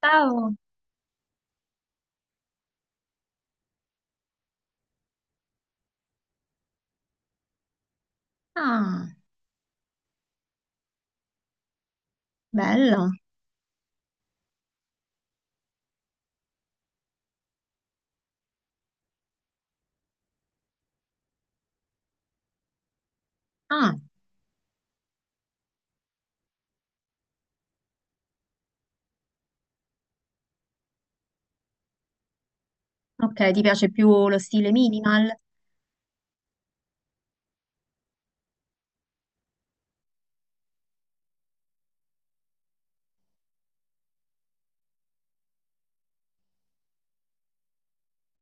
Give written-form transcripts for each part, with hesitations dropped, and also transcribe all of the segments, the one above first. Ciao. Ah, bello. Ah, ok, ti piace più lo stile minimal?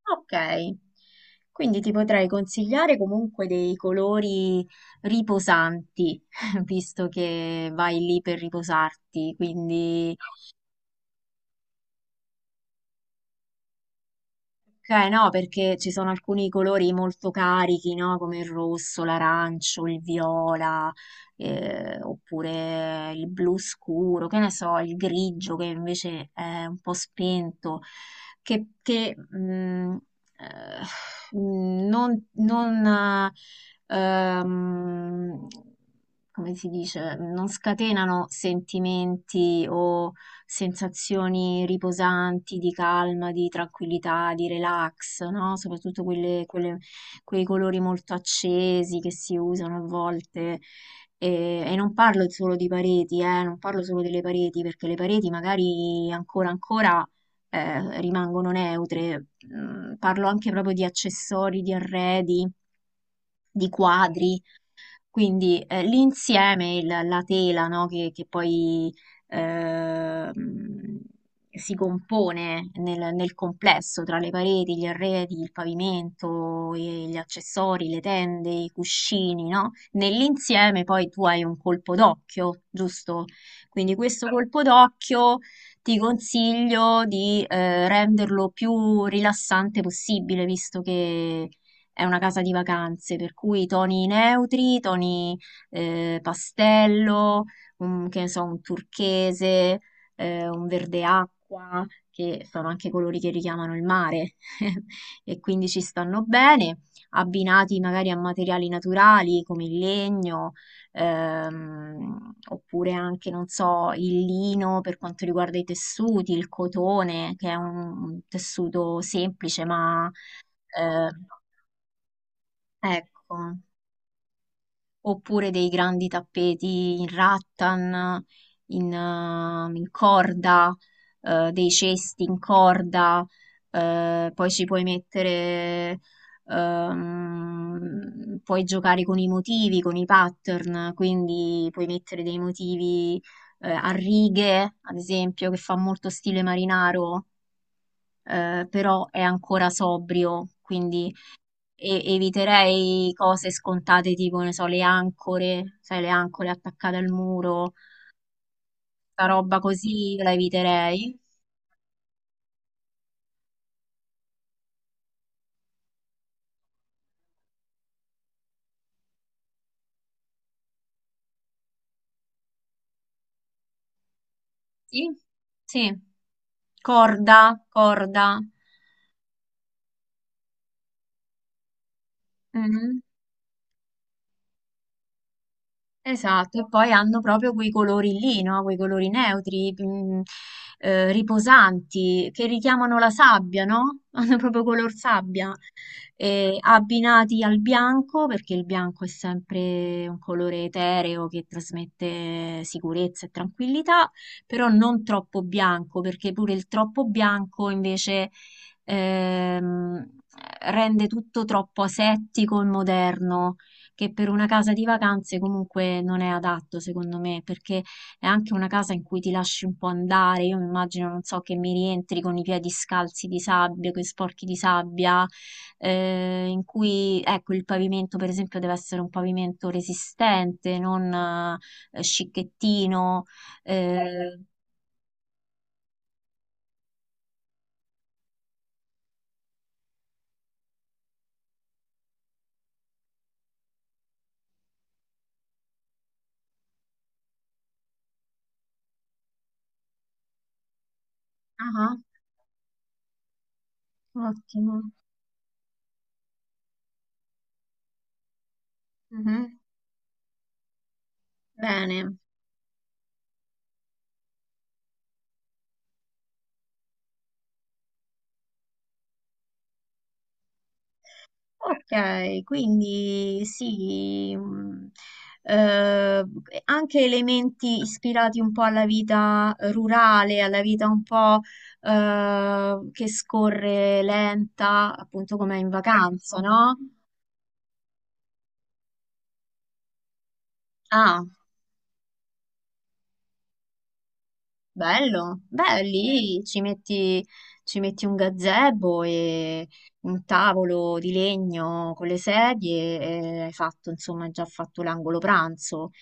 Ok. Quindi ti potrei consigliare comunque dei colori riposanti, visto che vai lì per riposarti, quindi ok, no, perché ci sono alcuni colori molto carichi, no? Come il rosso, l'arancio, il viola, oppure il blu scuro, che ne so, il grigio che invece è un po' spento, che, mm, mm, non, non, eh, ehm, come si dice, non scatenano sentimenti o sensazioni riposanti, di calma, di tranquillità, di relax, no? Soprattutto quei colori molto accesi che si usano a volte. E non parlo solo di pareti, non parlo solo delle pareti, perché le pareti magari ancora ancora rimangono neutre. Mm, parlo anche proprio di accessori, di arredi, di quadri, quindi l'insieme, la tela, no, che poi ehm, si compone nel complesso tra le pareti, gli arredi, il pavimento, e gli accessori, le tende, i cuscini, no? Nell'insieme poi tu hai un colpo d'occhio, giusto? Quindi questo colpo d'occhio ti consiglio di renderlo più rilassante possibile, visto che è una casa di vacanze, per cui toni neutri, toni pastello, che ne so, un turchese, un verde acqua, che sono anche colori che richiamano il mare e quindi ci stanno bene, abbinati magari a materiali naturali come il legno, oppure anche, non so, il lino per quanto riguarda i tessuti, il cotone, che è un tessuto semplice ma... eh, ecco, oppure dei grandi tappeti in rattan, in, in corda, dei cesti in corda, poi ci puoi mettere, puoi giocare con i motivi, con i pattern, quindi puoi mettere dei motivi, a righe, ad esempio, che fa molto stile marinaro, però è ancora sobrio, quindi eviterei cose scontate tipo, ne so, le ancore, sai, le ancore attaccate al muro, sta roba così la eviterei. Sì, sì, corda, corda. Mhm. Esatto, e poi hanno proprio quei colori lì, no? Quei colori neutri, riposanti, che richiamano la sabbia, no? Hanno proprio color sabbia. E abbinati al bianco, perché il bianco è sempre un colore etereo che trasmette sicurezza e tranquillità, però non troppo bianco, perché pure il troppo bianco invece ehm, rende tutto troppo asettico e moderno, che per una casa di vacanze comunque non è adatto, secondo me, perché è anche una casa in cui ti lasci un po' andare. Io mi immagino, non so, che mi rientri con i piedi scalzi di sabbia, con sporchi di sabbia, in cui, ecco, il pavimento, per esempio, deve essere un pavimento resistente, non scicchettino. Eh. Ah, ottimo. Mhm. Bene. Ok, quindi sì, eh, anche elementi ispirati un po' alla vita rurale, alla vita un po' che scorre lenta, appunto come in vacanza, no? Ah. Bello, beh, lì ci metti un gazebo e un tavolo di legno con le sedie e hai fatto, insomma, hai già fatto l'angolo pranzo.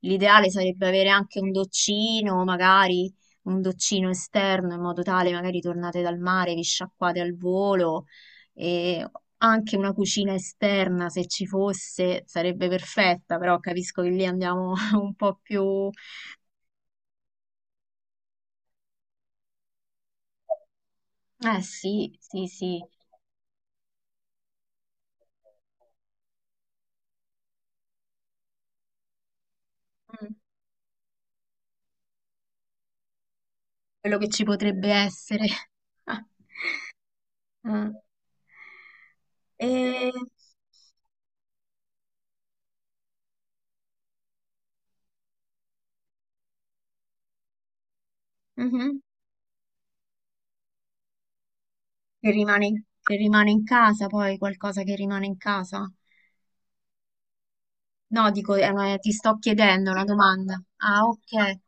L'ideale sarebbe avere anche un doccino, magari un doccino esterno, in modo tale magari tornate dal mare, vi sciacquate al volo e anche una cucina esterna, se ci fosse, sarebbe perfetta, però capisco che lì andiamo un po' più... Eh sì, sì, sì. Mm, quello che ci potrebbe essere. Ah, ah. E... Mhm. Che rimane in casa, poi qualcosa che rimane in casa. No, dico, ma ti sto chiedendo una domanda. Ah, ok.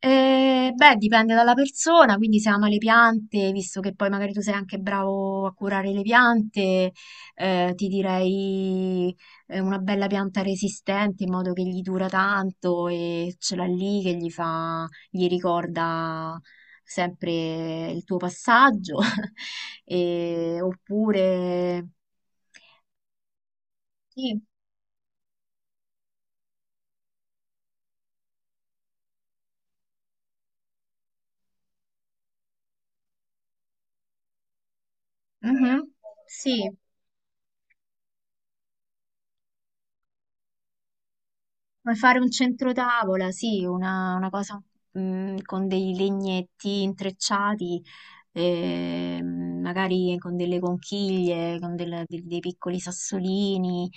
Beh, dipende dalla persona, quindi se ama le piante, visto che poi magari tu sei anche bravo a curare le piante, ti direi una bella pianta resistente in modo che gli dura tanto e ce l'ha lì che gli fa, gli ricorda sempre il tuo passaggio. E- oppure... Sì, mhm, sì. Puoi fare un centrotavola, sì, una cosa con dei legnetti intrecciati, magari con delle conchiglie, con dei piccoli sassolini,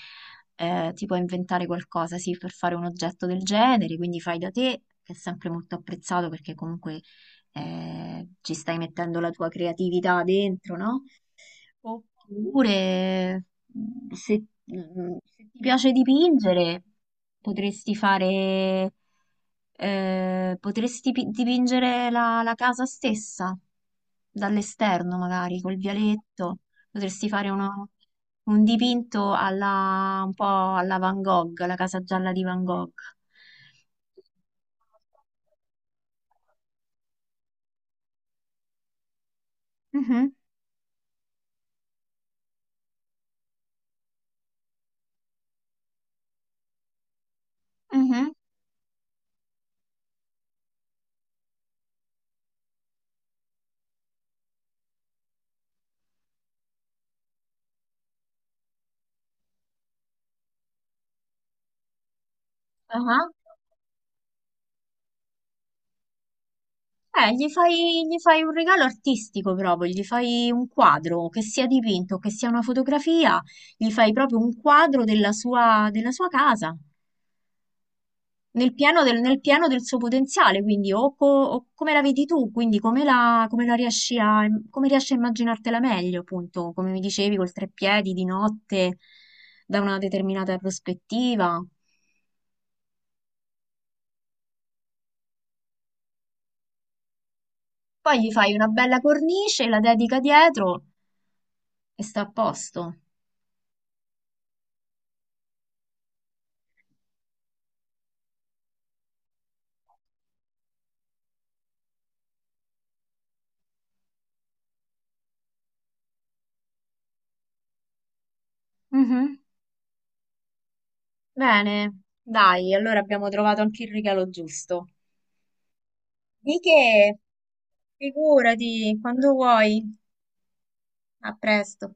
ti puoi inventare qualcosa, sì, per fare un oggetto del genere, quindi fai da te, che è sempre molto apprezzato perché comunque ci stai mettendo la tua creatività dentro, no? Oppure, se, se ti piace dipingere, potresti fare, potresti dipingere la casa stessa, dall'esterno magari, col vialetto. Potresti fare un dipinto alla, un po' alla Van Gogh, la casa gialla di Van Gogh. Mhm, mhm, aha. Gli fai un regalo artistico proprio, gli fai un quadro, che sia dipinto, che sia una fotografia, gli fai proprio un quadro della sua casa, nel pieno del suo potenziale, quindi o, o come la vedi tu, quindi come la, come la riesci a, come riesci a immaginartela meglio, appunto, come mi dicevi, col treppiedi di notte, da una determinata prospettiva. Poi gli fai una bella cornice, la dedica dietro e sta a posto. Mhm. Bene, dai, allora abbiamo trovato anche il regalo giusto. Di che? Figurati, quando vuoi. A presto.